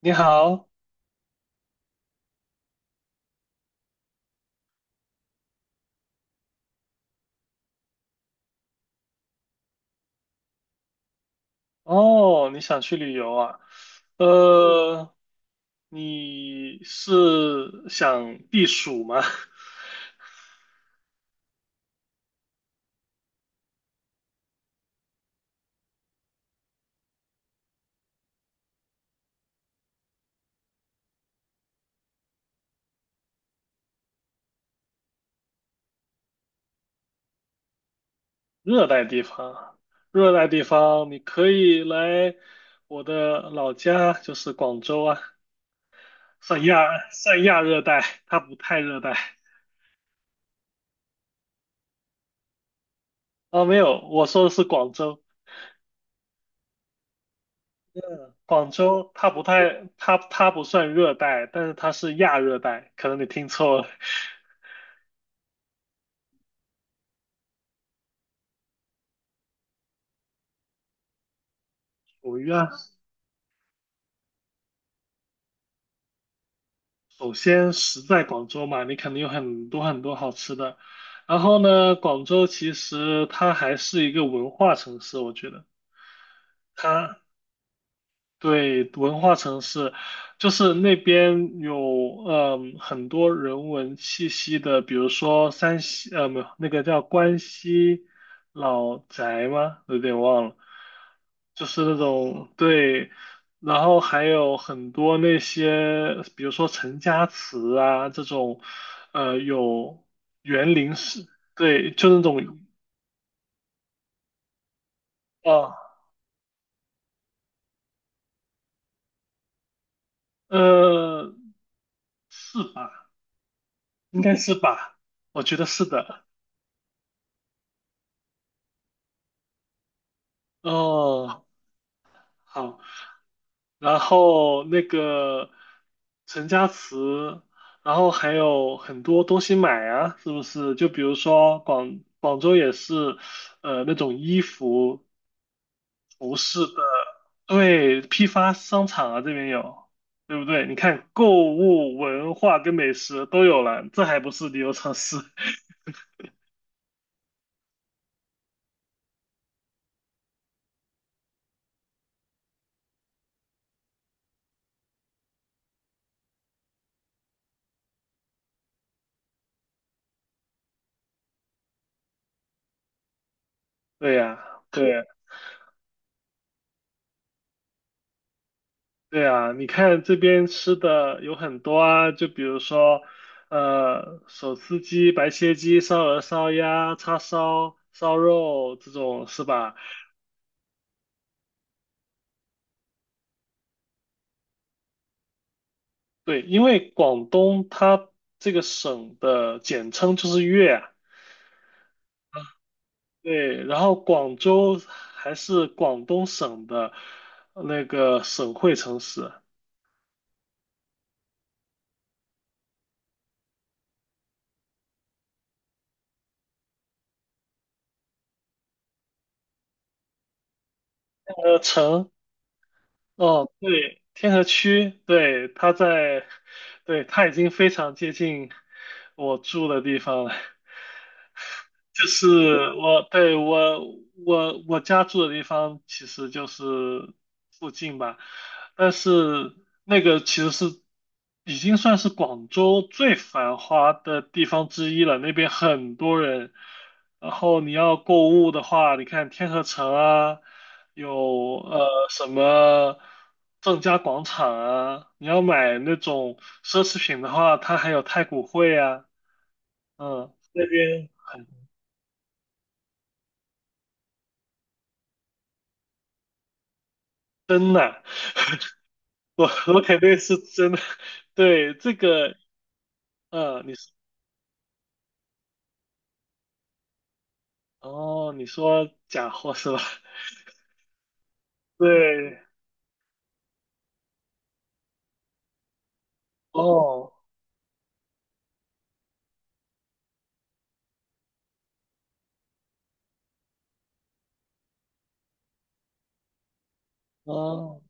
你好。哦，你想去旅游啊？呃，你是想避暑吗？热带地方，热带地方，你可以来我的老家，就是广州啊，算亚热带，它不太热带。哦，没有，我说的是广州，广州它不算热带，但是它是亚热带，可能你听错了。五月啊。首先食在广州嘛，你肯定有很多很多好吃的。然后呢，广州其实它还是一个文化城市，我觉得它对，文化城市，就是那边有很多人文气息的，比如说山西，呃，没有，那个叫关西老宅吗？有点忘了，就是那种，对。然后还有很多那些，比如说陈家祠啊这种，呃，有园林式，对，就那种。啊，呃，是吧？应该是吧？我觉得是的。哦，好。然后那个陈家祠，然后还有很多东西买啊，是不是？就比如说广州也是，呃，那种衣服、服饰的，对，批发商场啊，这边有，对不对？你看，购物、文化跟美食都有了，这还不是旅游城市？对呀，对。对啊，你看这边吃的有很多啊，就比如说，手撕鸡、白切鸡、烧鹅、烧鸭、叉烧、烧肉这种是吧？对，因为广东它这个省的简称就是粤啊。对，然后广州还是广东省的那个省会城市。呃，城哦，对，天河区，对，它在，对，它已经非常接近我住的地方了。就是我，对，我家住的地方其实就是附近吧，但是那个其实是已经算是广州最繁华的地方之一了，那边很多人。然后你要购物的话，你看天河城啊，有呃什么正佳广场啊，你要买那种奢侈品的话，它还有太古汇啊，嗯，那边很。真的。我我肯定是真的，对这个，嗯，你说哦，你说假货是吧？对。哦。哦，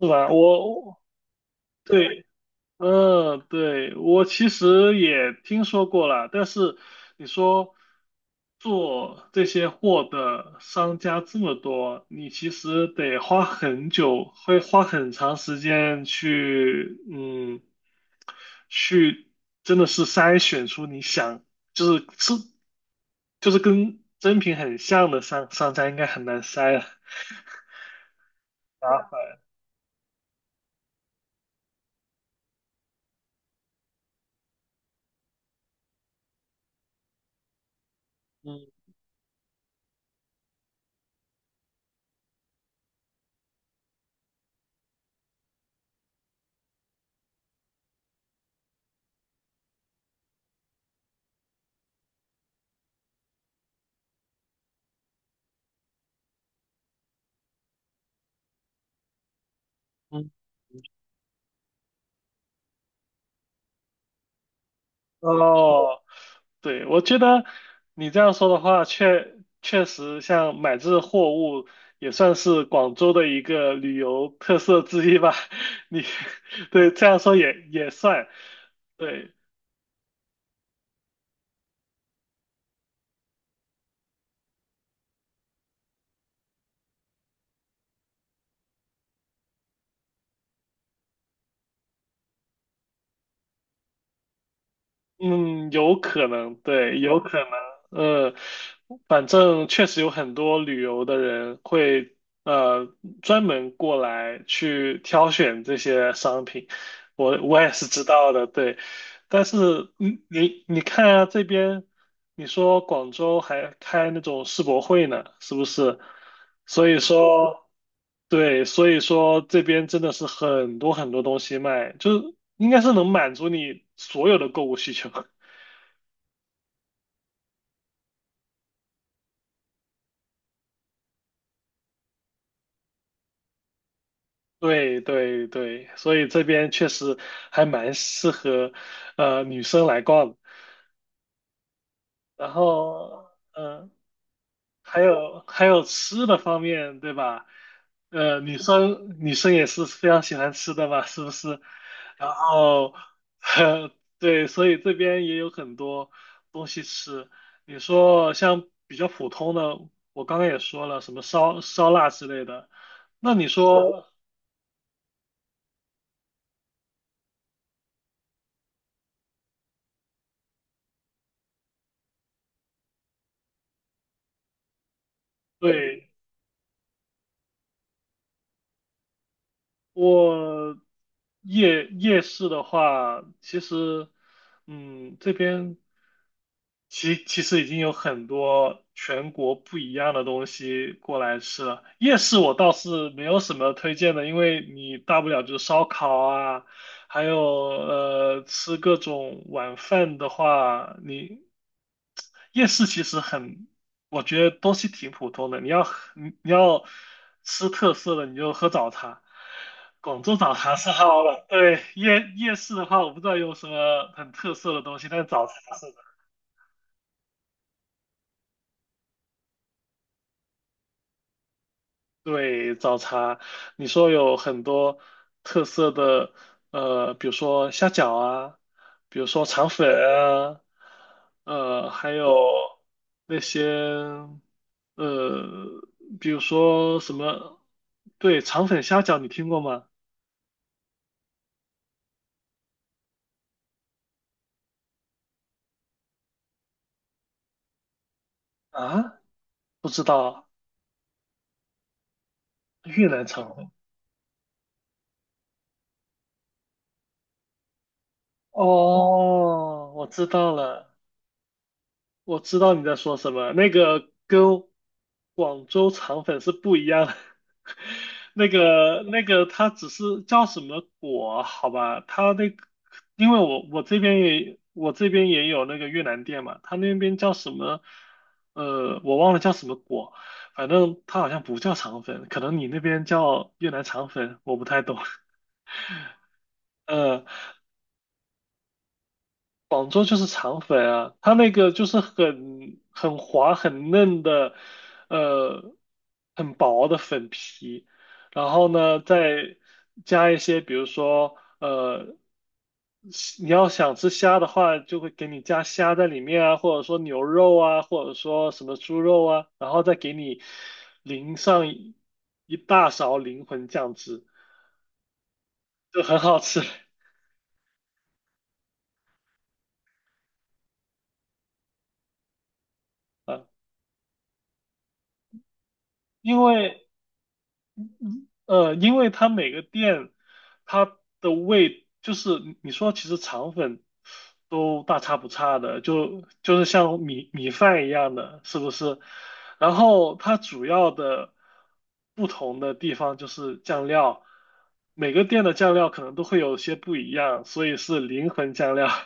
是吧？我对，嗯，对，我其实也听说过了，但是你说做这些货的商家这么多，你其实得花很久，会花很长时间去，嗯，去真的是筛选出你想，就是是，就是跟真品很像的商家，应该很难筛。嗯嗯。哦，对，我觉得你这样说的话，确实像买这货物也算是广州的一个旅游特色之一吧。你 对这样说也算，对，嗯，有可能，对，有可能。呃，反正确实有很多旅游的人会呃专门过来去挑选这些商品，我也是知道的，对。但是，你看啊，这边你说广州还开那种世博会呢，是不是？所以说，对，所以说这边真的是很多很多东西卖，就是应该是能满足你所有的购物需求。对对对，所以这边确实还蛮适合女生来逛的。然后，嗯、还有还有吃的方面，对吧？呃，女生也是非常喜欢吃的嘛，是不是？然后，对，所以这边也有很多东西吃。你说像比较普通的，我刚刚也说了，什么烧腊之类的。那你说，对，我夜市的话，其实，嗯，这边其实已经有很多全国不一样的东西过来吃了。夜市我倒是没有什么推荐的，因为你大不了就是烧烤啊，还有吃各种晚饭的话，你夜市其实很，我觉得东西挺普通的。你要喝你要吃特色的，你就喝早茶。广州早茶是好了，对，夜市的话，我不知道有什么很特色的东西，但是早茶是。对，早茶，你说有很多特色的，呃，比如说虾饺啊，比如说肠粉啊，呃，还有那些，呃，比如说什么，对，肠粉虾饺你听过吗？啊，不知道，越南肠粉。哦，我知道了，我知道你在说什么，那个跟广州肠粉是不一样的。那个，它只是叫什么果？好吧，它那个，因为我这边也有那个越南店嘛，它那边叫什么？我忘了叫什么果，反正它好像不叫肠粉，可能你那边叫越南肠粉，我不太懂。呃，广州就是肠粉啊，它那个就是很滑很嫩的，呃，很薄的粉皮，然后呢再加一些，比如说你要想吃虾的话，就会给你加虾在里面啊，或者说牛肉啊，或者说什么猪肉啊，然后再给你淋上一大勺灵魂酱汁，就很好吃。 啊，因为。因为它每个店它的味，就是你说其实肠粉都大差不差的，就就是像米饭一样的，是不是？然后它主要的不同的地方就是酱料，每个店的酱料可能都会有些不一样，所以是灵魂酱料。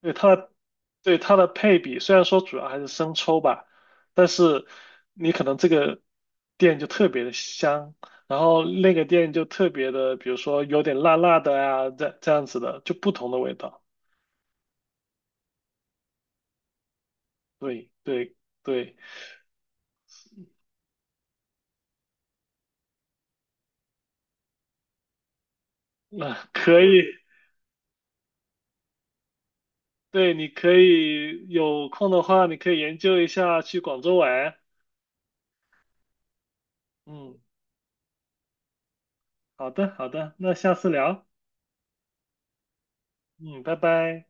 对它的对它的配比，虽然说主要还是生抽吧，但是你可能这个店就特别的香，然后那个店就特别的，比如说有点辣辣的啊，这这样子的，就不同的味道。对对对。那可以，对，你可以有空的话，你可以研究一下去广州玩。嗯，好的好的，那下次聊。嗯，拜拜。